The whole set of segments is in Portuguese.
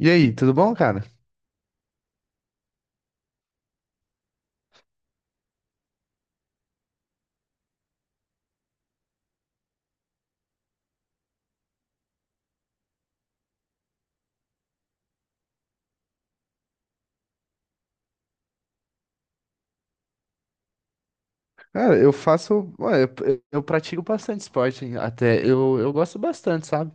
E aí, tudo bom, cara? Cara, eu faço. Eu pratico bastante esporte, hein, até. Eu gosto bastante, sabe?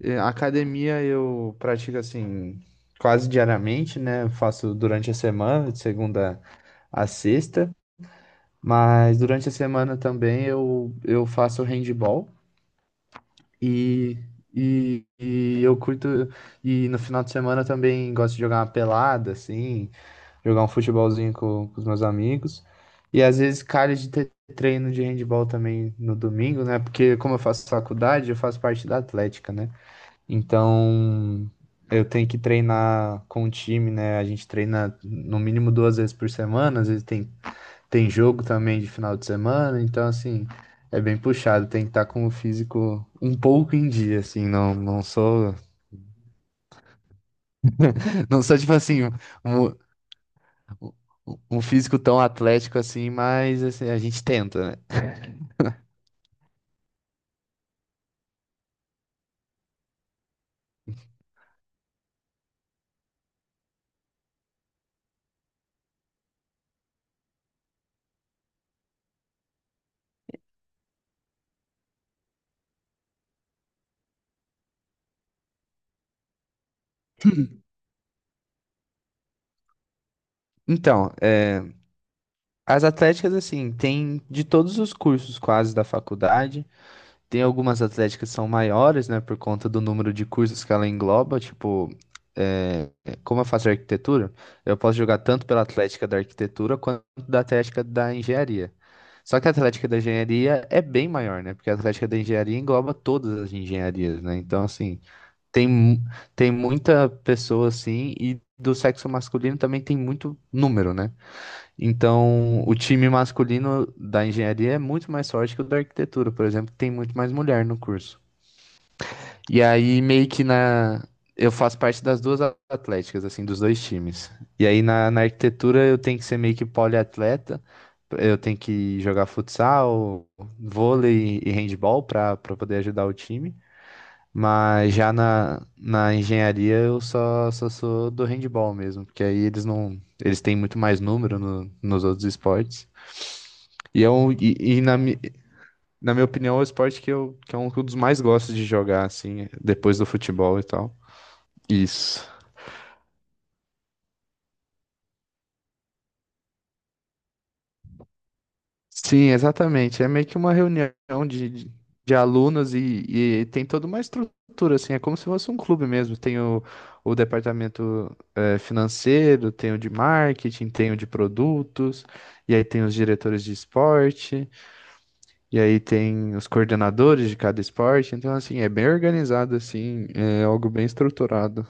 Academia eu pratico assim, quase diariamente, né? Eu faço durante a semana, de segunda a sexta. Mas durante a semana também eu faço handball e, e eu curto. E no final de semana eu também gosto de jogar uma pelada, assim, jogar um futebolzinho com os meus amigos. E às vezes calha de ter treino de handball também no domingo, né? Porque como eu faço faculdade, eu faço parte da Atlética, né? Então eu tenho que treinar com o time, né? A gente treina no mínimo duas vezes por semana, às vezes tem, tem jogo também de final de semana, então assim, é bem puxado, tem que estar com o físico um pouco em dia, assim, não, não sou, não sou tipo assim, um- um um físico tão atlético assim, mas assim, a gente tenta, né? Então, é, as atléticas, assim, tem de todos os cursos quase da faculdade. Tem algumas atléticas que são maiores, né, por conta do número de cursos que ela engloba. Tipo, é, como eu faço arquitetura, eu posso jogar tanto pela atlética da arquitetura quanto da atlética da engenharia. Só que a atlética da engenharia é bem maior, né? Porque a atlética da engenharia engloba todas as engenharias, né? Então, assim. Tem, mu- Tem muita pessoa assim, e do sexo masculino também tem muito número, né? Então, o time masculino da engenharia é muito mais forte que o da arquitetura, por exemplo, que tem muito mais mulher no curso. E aí, meio que na. Eu faço parte das duas atléticas, assim, dos dois times. E aí, na arquitetura, eu tenho que ser meio que poliatleta, eu tenho que jogar futsal, vôlei e handball para poder ajudar o time. Mas já na engenharia eu só sou do handball mesmo, porque aí eles não, eles têm muito mais número nos outros esportes. E, é um, e, e na, mi- Na minha opinião, é o esporte que eu, que é um dos mais gosto de jogar, assim, depois do futebol e tal. Isso. Sim, exatamente. É meio que uma reunião de, de, de alunos e tem toda uma estrutura, assim, é como se fosse um clube mesmo. Tem o departamento financeiro, tem o de marketing, tem o de produtos, e aí tem os diretores de esporte, e aí tem os coordenadores de cada esporte. Então, assim, é bem organizado, assim, é algo bem estruturado.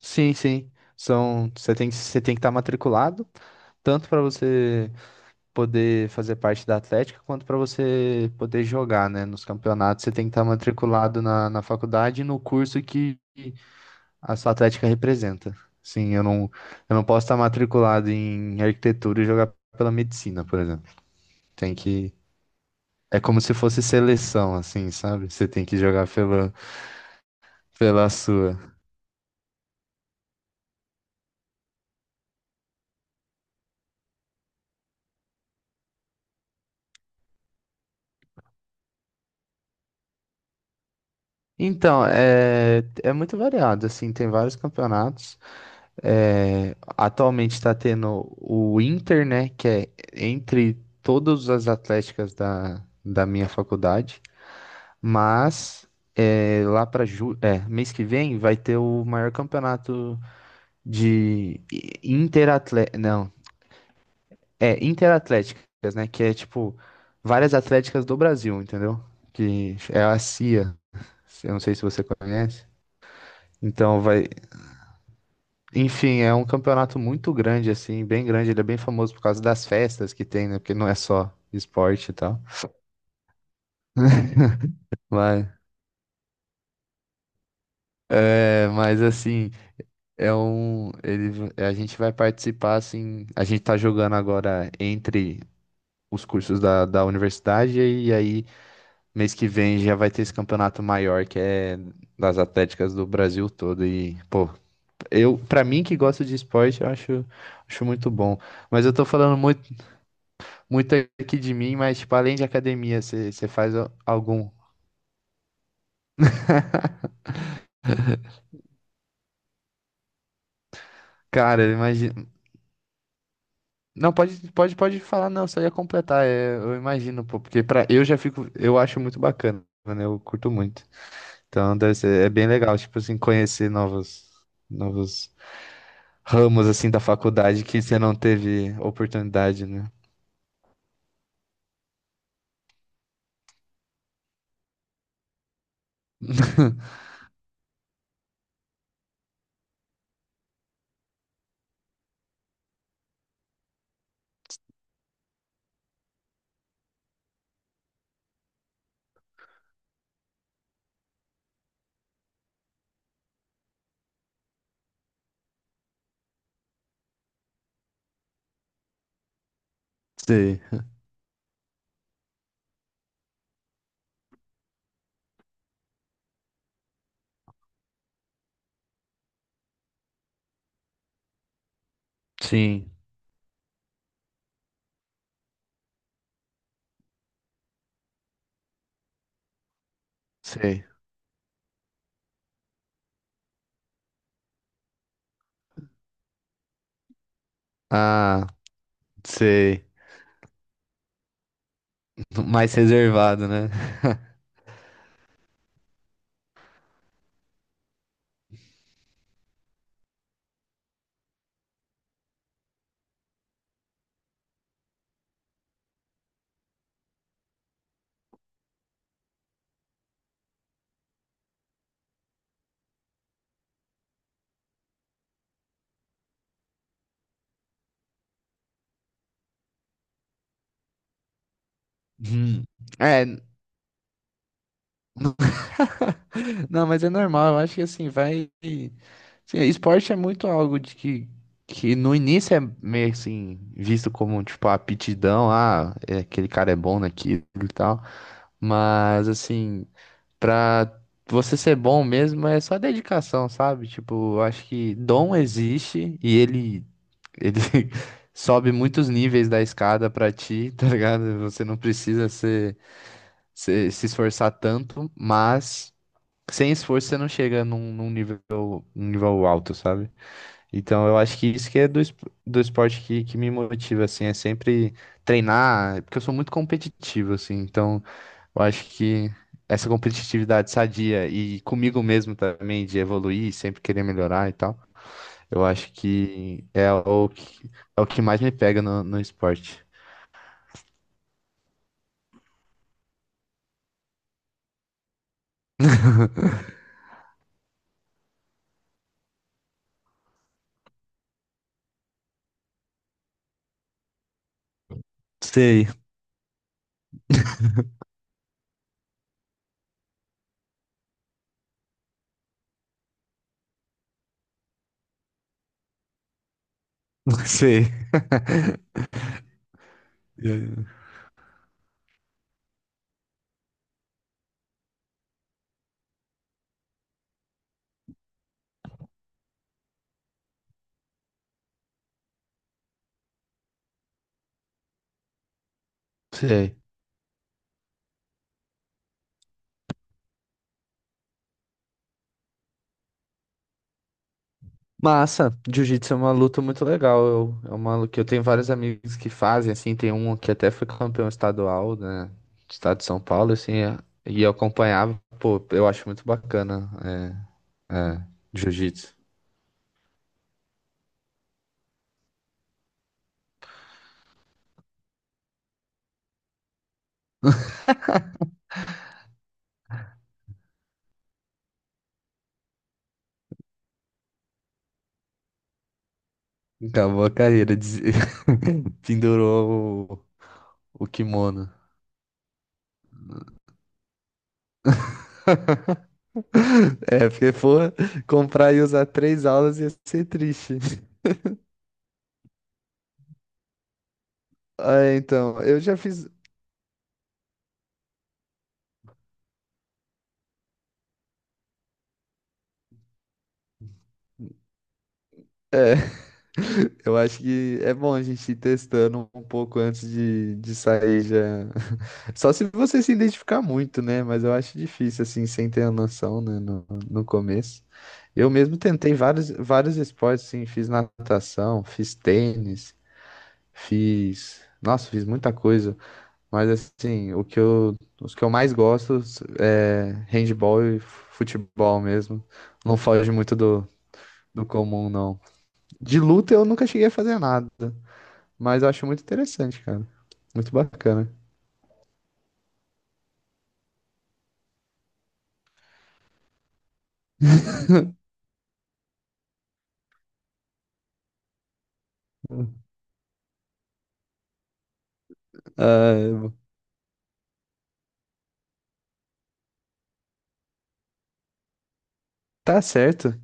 Sim, sim. São, você tem que estar matriculado, tanto para você poder fazer parte da Atlética, quanto para você poder jogar, né, nos campeonatos. Você tem que estar matriculado na faculdade e no curso que a sua Atlética representa. Sim, eu não, eu não posso estar matriculado em arquitetura e jogar pela medicina, por exemplo. Tem que. É como se fosse seleção, assim, sabe? Você tem que jogar pela sua. Então, é, é muito variado, assim, tem vários campeonatos. É, atualmente está tendo o Inter, né? Que é entre todas as atléticas da minha faculdade. Mas é, lá para ju é, mês que vem vai ter o maior campeonato de interatléticas. Não, é interatléticas, né? Que é tipo várias atléticas do Brasil, entendeu? Que é a CIA. Eu não sei se você conhece. Então vai, Enfim, é um campeonato muito grande, assim, bem grande. Ele é bem famoso por causa das festas que tem, né? Porque não é só esporte e tal. Mas, é, mas assim, é um. Ele, a gente vai participar, assim. A gente tá jogando agora entre os cursos da universidade, e aí mês que vem já vai ter esse campeonato maior que é das atléticas do Brasil todo. E, pô, eu, pra mim que gosto de esporte, acho muito bom. Mas eu tô falando muito aqui de mim, mas tipo, além de academia, você faz algum? Cara, eu imagino. Não, pode falar, não, só ia completar. É, eu imagino, pô, porque pra, eu já fico, eu acho muito bacana, né? Eu curto muito. Então, deve ser, é bem legal, tipo assim, conhecer novos, novos ramos, assim, da faculdade que você não teve oportunidade, né? Sei. Sim, sei. Ah, sei. Mais reservado, né? Hum. É, não, mas é normal, eu acho que assim, vai. Sim, esporte é muito algo que no início é meio assim, visto como tipo a aptidão, ah, é, aquele cara é bom naquilo e tal. Mas assim, pra você ser bom mesmo é só dedicação, sabe? Tipo, eu acho que dom existe ele sobe muitos níveis da escada pra ti, tá ligado? Você não precisa ser, se esforçar tanto, mas sem esforço você não chega num nível alto, sabe? Então eu acho que isso que é do esporte que me motiva, assim, é sempre treinar, porque eu sou muito competitivo, assim, então eu acho que essa competitividade sadia e comigo mesmo também, de evoluir, sempre querer melhorar e tal, eu acho que é o que mais me pega no esporte. Sei, sei. Sei. Massa, jiu-jitsu é uma luta muito legal. Eu, é uma luta que eu tenho vários amigos que fazem, assim, tem um que até foi campeão estadual, né, do estado de São Paulo, assim, é, e eu acompanhava, pô, eu acho muito bacana, é, é, jiu-jitsu. Acabou a carreira, pendurou o kimono. É, porque for comprar e usar três aulas ia ser triste. Ah, então, eu já fiz. Eu acho que é bom a gente ir testando um pouco antes de sair já. Só se você se identificar muito, né? Mas eu acho difícil, assim, sem ter a noção, né? No começo. Eu mesmo tentei vários, vários esportes, assim, fiz natação, fiz tênis, fiz. Nossa, fiz muita coisa. Mas, assim, os que eu mais gosto é handball e futebol mesmo. Não foge muito do comum, não. De luta eu nunca cheguei a fazer nada. Mas eu acho muito interessante, cara. Muito bacana. Ah, tá certo.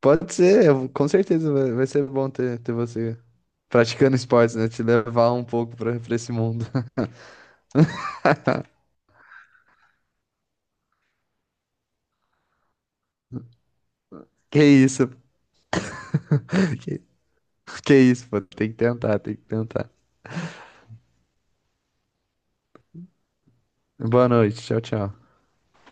Pode ser, eu, com certeza vai ser bom ter você praticando esportes, né? Te levar um pouco pra esse mundo. Que isso, que, que isso, pô. Tem que tentar, tem que tentar. Boa noite, tchau, tchau.